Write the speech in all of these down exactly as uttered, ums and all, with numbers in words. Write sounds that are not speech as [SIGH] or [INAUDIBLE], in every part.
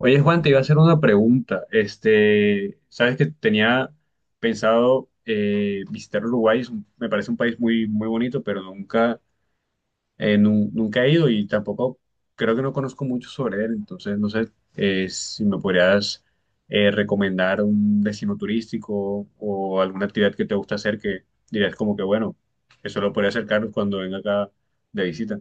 Oye, Juan, te iba a hacer una pregunta. Este, sabes que tenía pensado eh, visitar Uruguay, es un- me parece un país muy, muy bonito, pero nunca, eh, nu- nunca he ido y tampoco creo que no conozco mucho sobre él. Entonces, no sé, eh, si me podrías eh, recomendar un destino turístico o alguna actividad que te gusta hacer que dirías como que, bueno, eso lo podría acercar cuando venga acá de visita.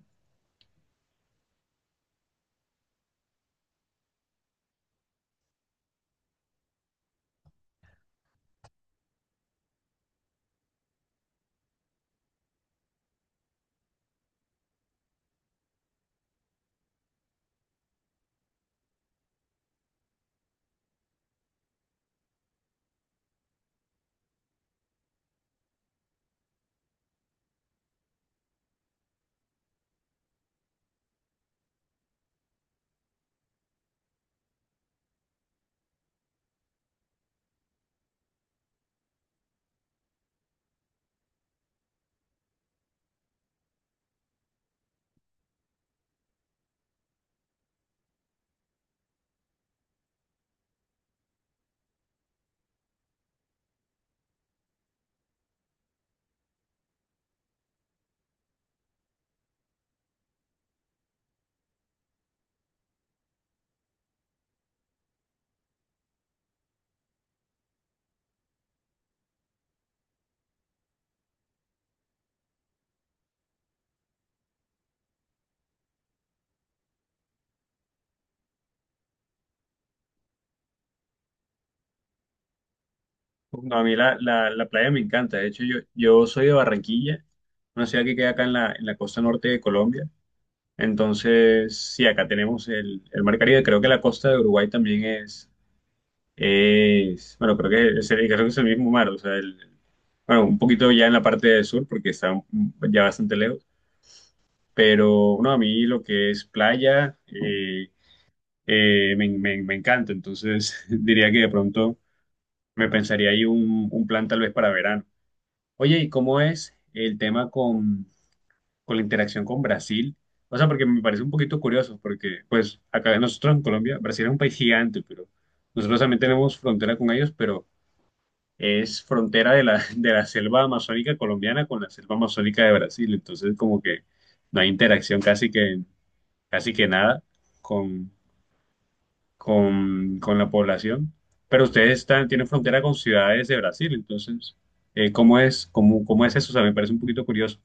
No, a mí la, la, la playa me encanta. De hecho, yo, yo soy de Barranquilla, una ciudad que queda acá en la, en la costa norte de Colombia. Entonces, sí, acá tenemos el, el Mar Caribe. Creo que la costa de Uruguay también es, es bueno, creo que es el, creo que es el mismo mar. O sea, el, bueno, un poquito ya en la parte del sur, porque está un- ya bastante lejos. Pero, no, a mí lo que es playa eh, eh, me, me, me encanta. Entonces, [LAUGHS] diría que de pronto me pensaría ahí un, un plan tal vez para verano. Oye, ¿y cómo es el tema con, con la interacción con Brasil? O sea, porque me parece un poquito curioso, porque pues acá nosotros en Colombia, Brasil es un país gigante, pero nosotros también tenemos frontera con ellos, pero es frontera de la, [LAUGHS] de la selva amazónica colombiana con la selva amazónica de Brasil, entonces como que no hay interacción casi que, casi que nada con, con, con la población, pero ustedes están, tienen frontera con ciudades de Brasil, entonces, eh, ¿cómo es, cómo, cómo es eso? O sea, me parece un poquito curioso.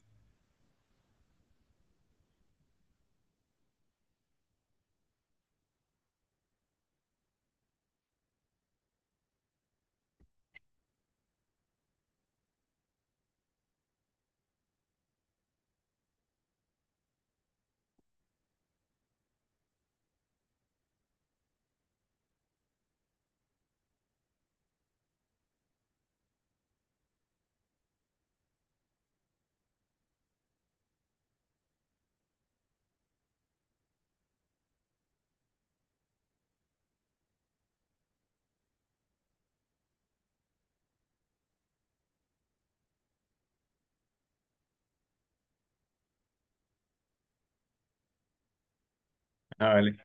Ah, vale.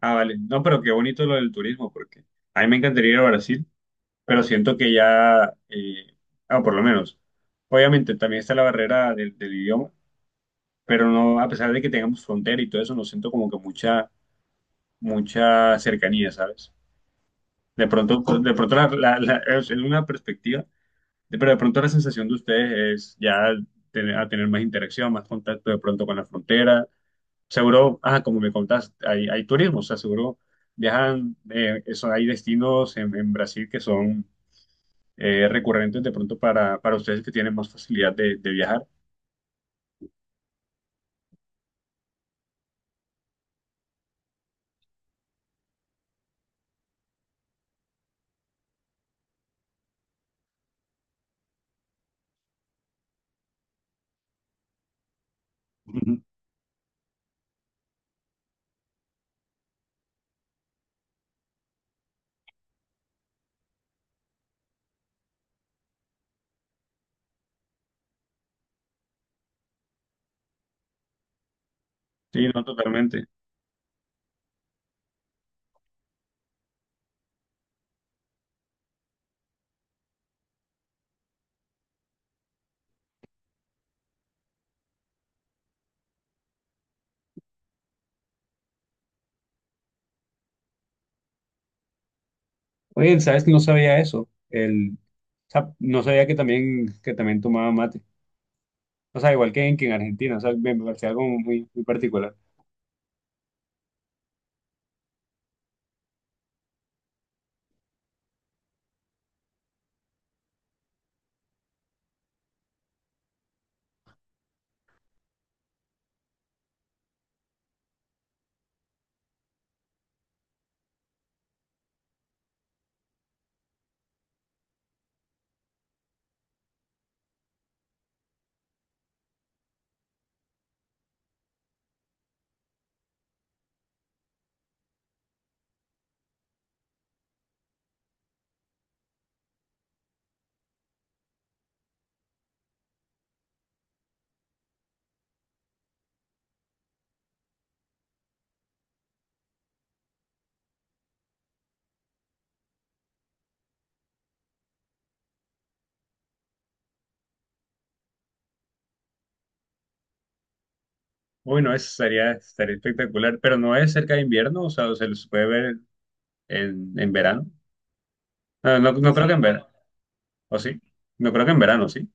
Ah, vale. No, pero qué bonito lo del turismo, porque a mí me encantaría ir a Brasil, pero siento que ya, eh, ah, por lo menos, obviamente también está la barrera del, del idioma, pero no, a pesar de que tengamos frontera y todo eso, no siento como que mucha, mucha cercanía, ¿sabes? De pronto, de pronto la, la- la- es una perspectiva, de- pero de pronto la sensación de ustedes es ya tener, a tener más interacción, más contacto de pronto con la frontera. Seguro, ah, como me contás, hay, hay turismo, o sea, seguro viajan, eh, eso, hay destinos en, en Brasil que son eh, recurrentes de pronto para, para ustedes que tienen más facilidad de, de viajar. Ujú. Sí, no, totalmente. Oye, ¿sabes que no sabía eso? El, o sea, no sabía que también, que también tomaba mate. O sea, igual que en, que en Argentina, o sea, me me parecía algo muy, muy particular. Uy, no, eso sería, estaría espectacular, pero no es cerca de invierno, o sea, se los puede ver en, en verano. No, no, no creo que en verano. ¿O sí? No creo que en verano, ¿sí?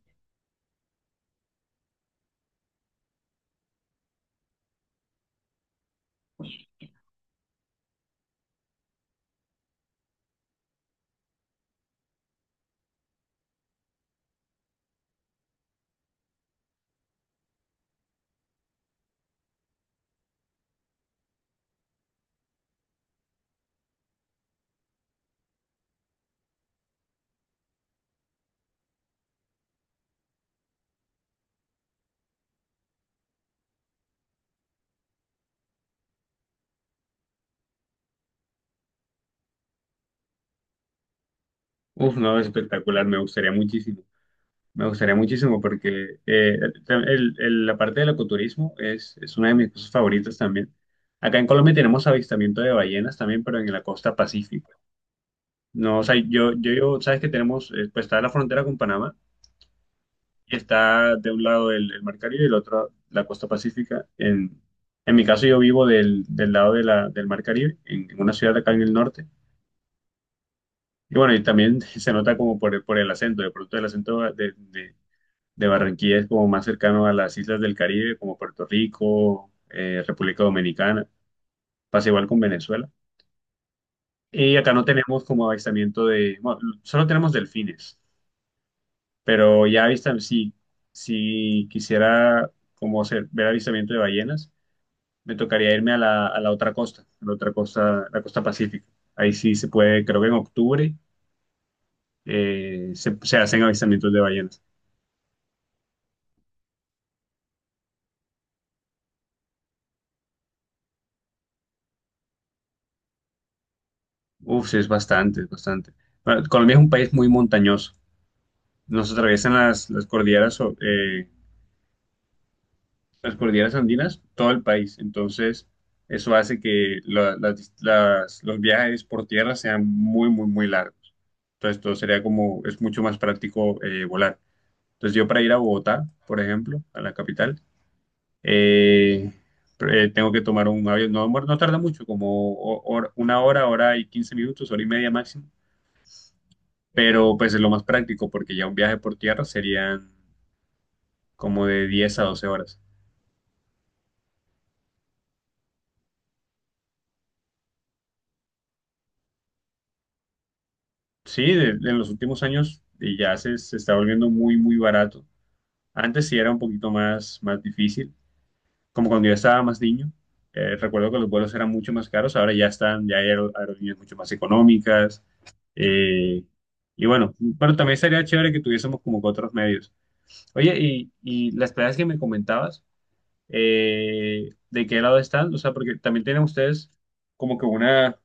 Uf, no, espectacular, me gustaría muchísimo. Me gustaría muchísimo porque eh, el- el- el- la parte del ecoturismo es, es una de mis cosas favoritas también. Acá en Colombia tenemos avistamiento de ballenas también, pero en la costa pacífica. No, o sea, yo, yo, yo- sabes que tenemos, eh, pues está la frontera con Panamá y está de un lado el, el Mar Caribe y del otro la costa pacífica. En, en mi caso yo vivo del, del lado de la, del Mar Caribe, en, en una ciudad acá en el norte. Y bueno, y también se nota como por, el- por el acento, de pronto el acento de, de- de Barranquilla es como más cercano a las islas del Caribe, como Puerto Rico, eh, República Dominicana. Pasa igual con Venezuela. Y acá no tenemos como avistamiento de, bueno, solo tenemos delfines, pero ya avistan, si, si quisiera como hacer, ver avistamiento de ballenas, me tocaría irme a la, a la otra costa, a la otra costa, la costa pacífica. Ahí sí se puede, creo que en octubre eh, se se hacen avistamientos de ballenas. Uf, sí, es bastante, es bastante. Bueno, Colombia es un país muy montañoso. Nos atraviesan las, las cordilleras, o- eh, las cordilleras andinas, todo el país. Entonces, eso hace que la- las- dis- las- los viajes por tierra sean muy, muy, muy largos. Entonces, todo sería como, es mucho más práctico eh, volar. Entonces, yo para ir a Bogotá, por ejemplo, a la capital, eh, pr- eh, tengo que tomar un avión. No, no tarda mucho, como ho- hora- una hora, hora y quince minutos, hora y media máximo, pero pues es lo más práctico porque ya un viaje por tierra serían como de diez a doce horas. Sí, de- en los últimos años eh, ya se, se está volviendo muy, muy barato. Antes sí era un poquito más, más difícil, como cuando yo estaba más niño. Eh, recuerdo que los vuelos eran mucho más caros, ahora ya están, ya hay aer- aerolíneas mucho más económicas. eh, y bueno, pero también sería chévere que tuviésemos como que otros medios. Oye, y, y las playas que me comentabas, eh, de qué lado están, o sea, porque también tienen ustedes como que una, o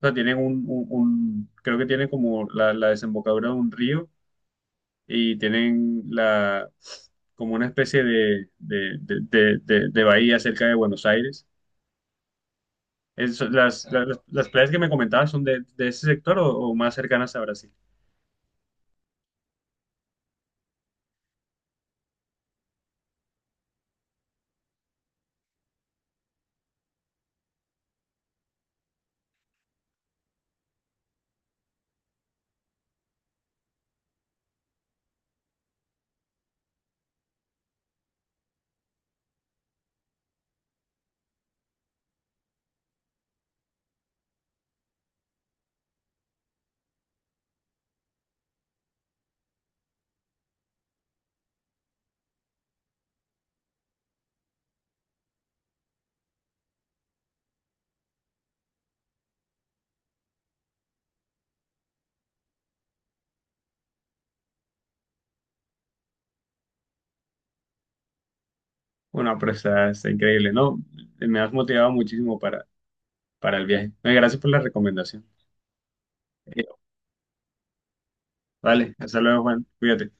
sea, tienen un, un- un- creo que tienen como la, la desembocadura de un río y tienen la, como una especie de, de, de, de- de- de bahía cerca de Buenos Aires. Es- las, las, las playas que me comentabas son de, de ese sector o, o más cercanas a Brasil. Bueno, pero está, está increíble, ¿no? Me has motivado muchísimo para, para el viaje. Eh, Gracias por la recomendación. Eh, Vale, hasta luego, Juan. Cuídate.